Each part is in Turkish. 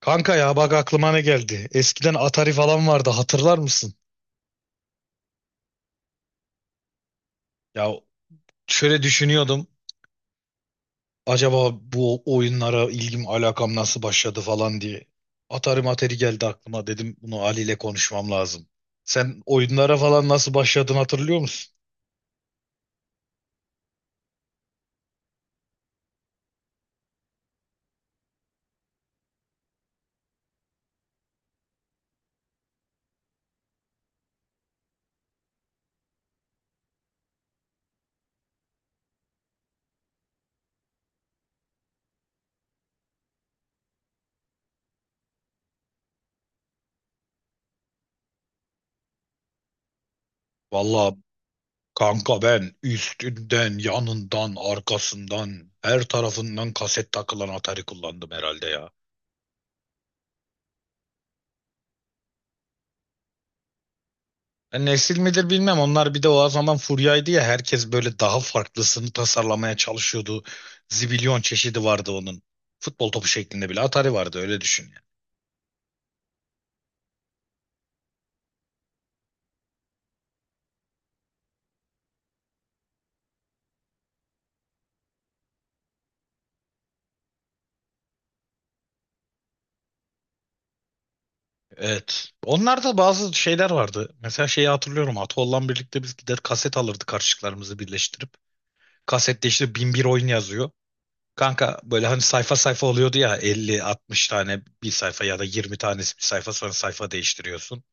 Kanka ya bak aklıma ne geldi. Eskiden Atari falan vardı hatırlar mısın? Ya şöyle düşünüyordum. Acaba bu oyunlara ilgim alakam nasıl başladı falan diye. Atari materi geldi aklıma dedim bunu Ali ile konuşmam lazım. Sen oyunlara falan nasıl başladın hatırlıyor musun? Valla kanka ben üstünden, yanından, arkasından, her tarafından kaset takılan Atari kullandım herhalde ya. Nesil midir bilmem. Onlar bir de o zaman furyaydı ya. Herkes böyle daha farklısını tasarlamaya çalışıyordu. Zibilyon çeşidi vardı onun. Futbol topu şeklinde bile Atari vardı öyle düşün yani. Evet. Onlarda bazı şeyler vardı. Mesela şeyi hatırlıyorum. Atollan birlikte biz gider kaset alırdık karşılıklarımızı birleştirip. Kasette işte 1001 oyun yazıyor. Kanka böyle hani sayfa sayfa oluyordu ya 50, 60 tane bir sayfa ya da 20 tanesi bir sayfa sonra sayfa değiştiriyorsun.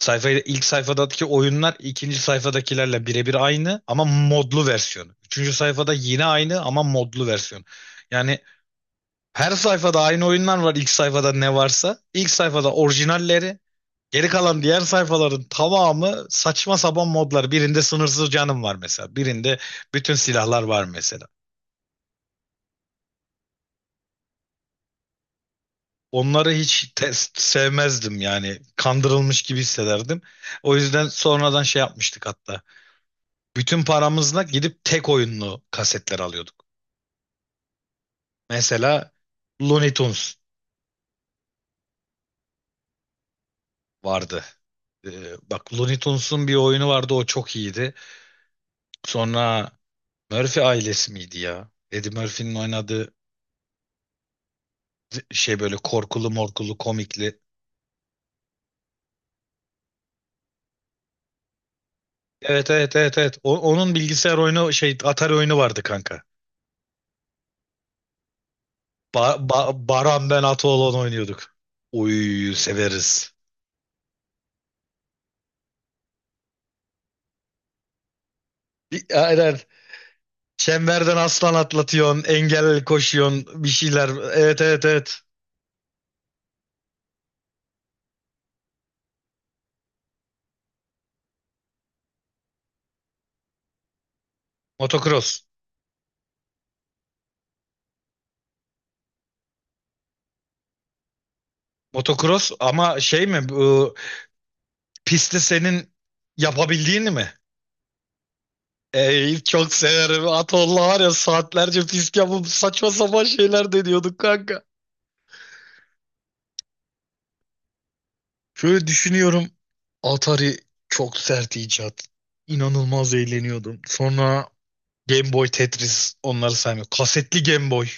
Sayfayı ilk sayfadaki oyunlar ikinci sayfadakilerle birebir aynı ama modlu versiyonu. Üçüncü sayfada yine aynı ama modlu versiyon. Yani her sayfada aynı oyunlar var ilk sayfada ne varsa. İlk sayfada orijinalleri, geri kalan diğer sayfaların tamamı saçma sapan modlar. Birinde sınırsız canım var mesela. Birinde bütün silahlar var mesela. Onları hiç test sevmezdim yani. Kandırılmış gibi hissederdim. O yüzden sonradan şey yapmıştık hatta. Bütün paramızla gidip tek oyunlu kasetler alıyorduk. Mesela Looney Tunes vardı. Bak Looney Tunes'un bir oyunu vardı o çok iyiydi. Sonra Murphy ailesi miydi ya? Eddie Murphy'nin oynadığı şey böyle korkulu morkulu komikli. Evet, evet, evet, evet. Onun bilgisayar oyunu şey Atari oyunu vardı kanka. Baran ben Ataoğlan oynuyorduk. Uy severiz. Aynen. Çemberden aslan atlatıyorsun, engel koşuyorsun, bir şeyler. Evet, evet, evet. Motocross. Motocross ama şey mi bu pisti senin yapabildiğini mi? Ey çok severim. Atolla var ya saatlerce pist yapıp saçma sapan şeyler deniyorduk kanka. Şöyle düşünüyorum. Atari çok sert icat. İnanılmaz eğleniyordum. Sonra Game Boy Tetris onları saymıyorum. Kasetli Game Boy.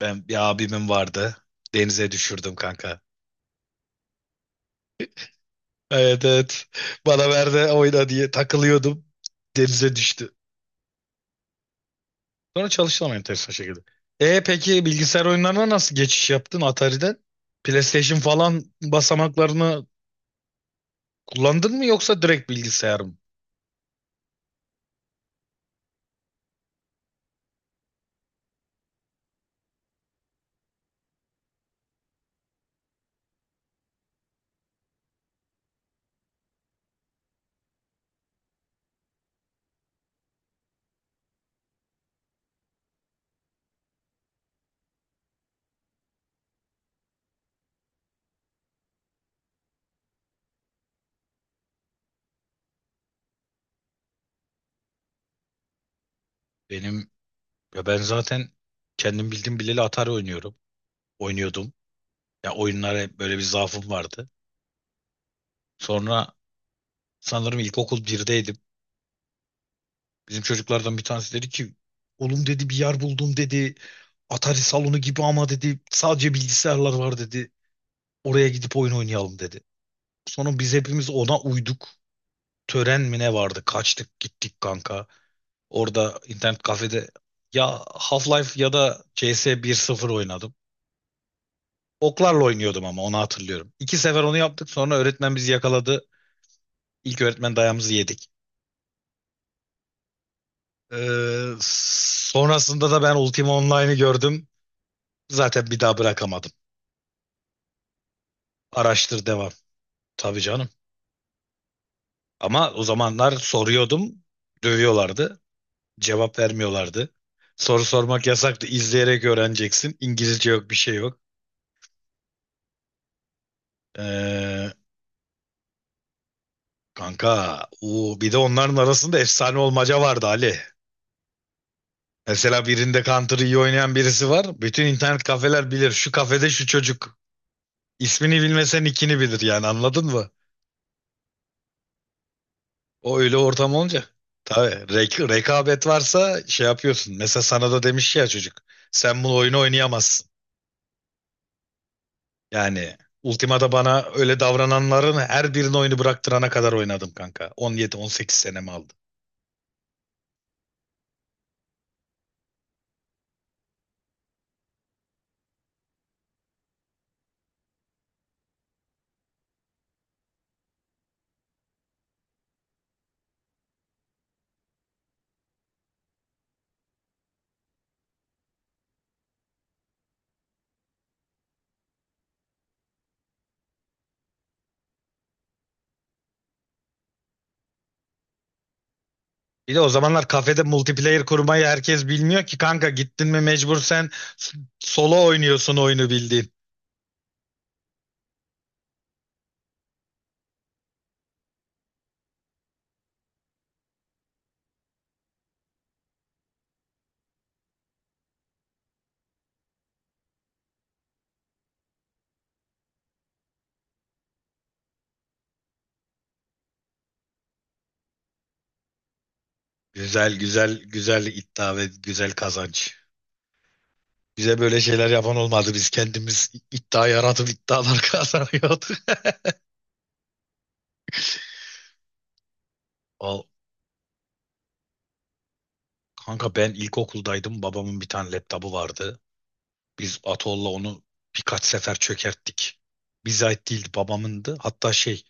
Ben bir abimin vardı. Denize düşürdüm kanka. Evet, evet. Bana ver de oyna diye takılıyordum. Denize düştü. Sonra çalıştım enteresan şekilde. E peki bilgisayar oyunlarına nasıl geçiş yaptın Atari'den? PlayStation falan basamaklarını kullandın mı yoksa direkt bilgisayar mı? Benim ya ben zaten kendim bildim bileli Atari oynuyorum. Oynuyordum. Ya oyunlara hep böyle bir zaafım vardı. Sonra sanırım ilkokul birdeydim. Bizim çocuklardan bir tanesi dedi ki oğlum dedi bir yer buldum dedi. Atari salonu gibi ama dedi sadece bilgisayarlar var dedi. Oraya gidip oyun oynayalım dedi. Sonra biz hepimiz ona uyduk. Tören mi ne vardı? Kaçtık gittik kanka. Orada internet kafede ya Half-Life ya da CS 1.0 oynadım. Oklarla oynuyordum ama onu hatırlıyorum. İki sefer onu yaptık sonra öğretmen bizi yakaladı. İlk öğretmen dayamızı yedik. Sonrasında da ben Ultima Online'ı gördüm. Zaten bir daha bırakamadım. Araştır devam. Tabii canım. Ama o zamanlar soruyordum, dövüyorlardı. Cevap vermiyorlardı. Soru sormak yasaktı. İzleyerek öğreneceksin. İngilizce yok, bir şey yok. Ee, kanka, bir de onların arasında efsane olmaca vardı Ali. Mesela birinde Counter iyi oynayan birisi var. Bütün internet kafeler bilir. Şu kafede şu çocuk. İsmini bilmesen ikini bilir yani anladın mı? O öyle ortam olunca. Tabii rekabet varsa şey yapıyorsun. Mesela sana da demiş ya çocuk. Sen bu oyunu oynayamazsın. Yani Ultima'da bana öyle davrananların her birinin oyunu bıraktırana kadar oynadım kanka. 17-18 senemi aldı. Bir de o zamanlar kafede multiplayer kurmayı herkes bilmiyor ki kanka gittin mi mecbur sen solo oynuyorsun oyunu bildiğin. Güzel, güzel, güzel iddia ve güzel kazanç. Bize böyle şeyler yapan olmadı. Biz kendimiz iddia yaratıp iddialar kazanıyorduk. Val- Kanka ben ilkokuldaydım. Babamın bir tane laptopu vardı. Biz Atol'la onu birkaç sefer çökerttik. Bize ait değildi, babamındı. Hatta şey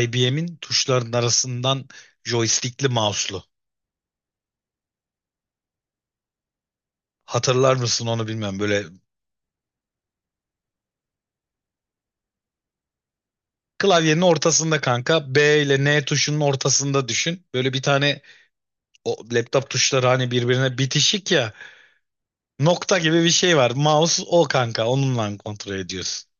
IBM'in tuşların arasından joystickli mouse'lu. Hatırlar mısın onu bilmem. Böyle klavyenin ortasında kanka B ile N tuşunun ortasında düşün. Böyle bir tane o laptop tuşları hani birbirine bitişik ya. Nokta gibi bir şey var. Mouse o kanka onunla kontrol ediyorsun.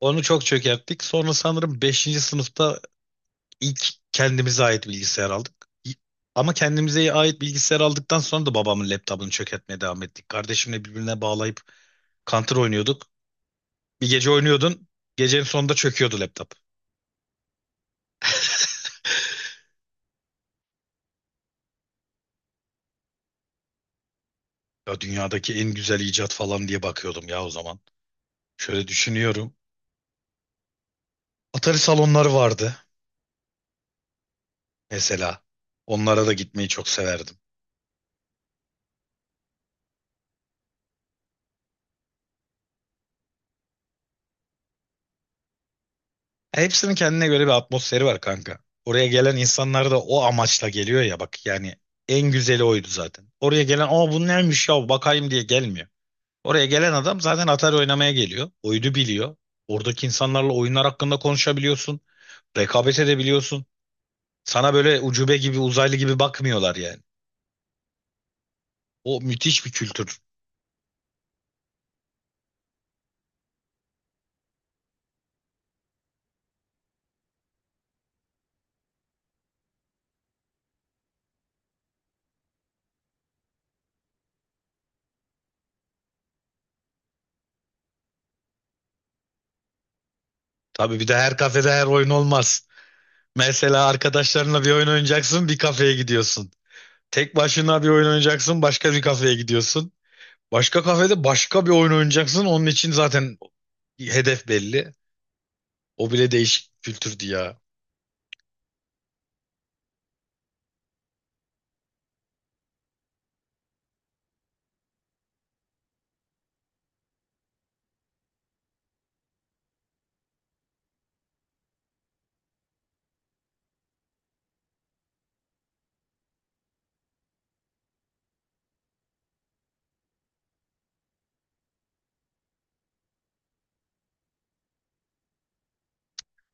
Onu çok çökerttik. Sonra sanırım beşinci sınıfta İlk kendimize ait bilgisayar aldık. Ama kendimize ait bilgisayar aldıktan sonra da babamın laptopunu çökertmeye devam ettik. Kardeşimle birbirine bağlayıp Counter oynuyorduk. Bir gece oynuyordun, gecenin sonunda çöküyordu laptop. Ya dünyadaki en güzel icat falan diye bakıyordum ya o zaman. Şöyle düşünüyorum. Atari salonları vardı mesela. Onlara da gitmeyi çok severdim. Hepsinin kendine göre bir atmosferi var kanka. Oraya gelen insanlar da o amaçla geliyor ya bak yani en güzeli oydu zaten. Oraya gelen aa bu neymiş ya bakayım diye gelmiyor. Oraya gelen adam zaten Atari oynamaya geliyor. Oyunu biliyor. Oradaki insanlarla oyunlar hakkında konuşabiliyorsun. Rekabet edebiliyorsun. Sana böyle ucube gibi uzaylı gibi bakmıyorlar yani. O müthiş bir kültür. Tabii bir de her kafede her oyun olmaz. Mesela arkadaşlarınla bir oyun oynayacaksın bir kafeye gidiyorsun. Tek başına bir oyun oynayacaksın başka bir kafeye gidiyorsun. Başka kafede başka bir oyun oynayacaksın. Onun için zaten hedef belli. O bile değişik bir kültürdü ya.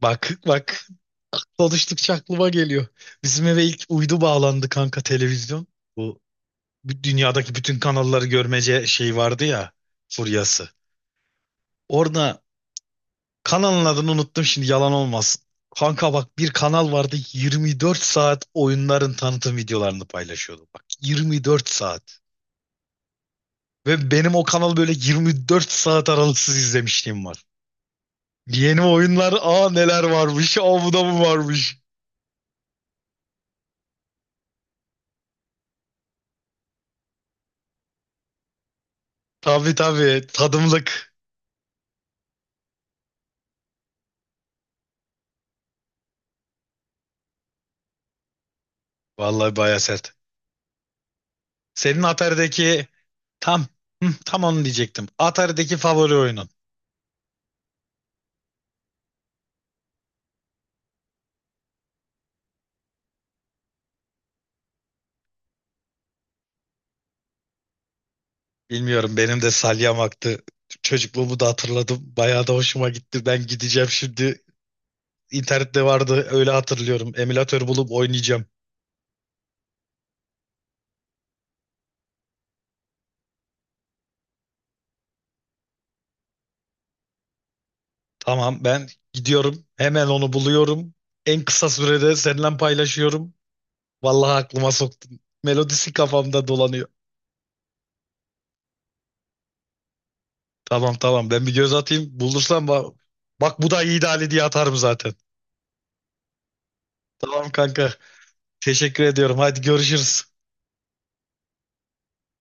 Bak, bak konuştukça aklıma geliyor. Bizim eve ilk uydu bağlandı kanka televizyon. Bu dünyadaki bütün kanalları görmece şey vardı ya furyası. Orada kanalın adını unuttum şimdi yalan olmasın. Kanka bak bir kanal vardı 24 saat oyunların tanıtım videolarını paylaşıyordu. Bak 24 saat. Ve benim o kanal böyle 24 saat aralıksız izlemişliğim var. Yeni oyunlar aa neler varmış. Aa bu da mı varmış. Tabii, tabii tadımlık. Vallahi baya sert. Senin Atari'deki tam hı, tam onu diyecektim. Atari'deki favori oyunun. Bilmiyorum benim de salyamaktı. Çocukluğumu da hatırladım. Bayağı da hoşuma gitti. Ben gideceğim şimdi. İnternette vardı öyle hatırlıyorum. Emülatör bulup oynayacağım. Tamam ben gidiyorum. Hemen onu buluyorum. En kısa sürede seninle paylaşıyorum. Vallahi aklıma soktun. Melodisi kafamda dolanıyor. Tamam, tamam ben bir göz atayım. Bulursam bak, bak bu da iyi ideali diye atarım zaten. Tamam kanka. Teşekkür ediyorum. Hadi görüşürüz.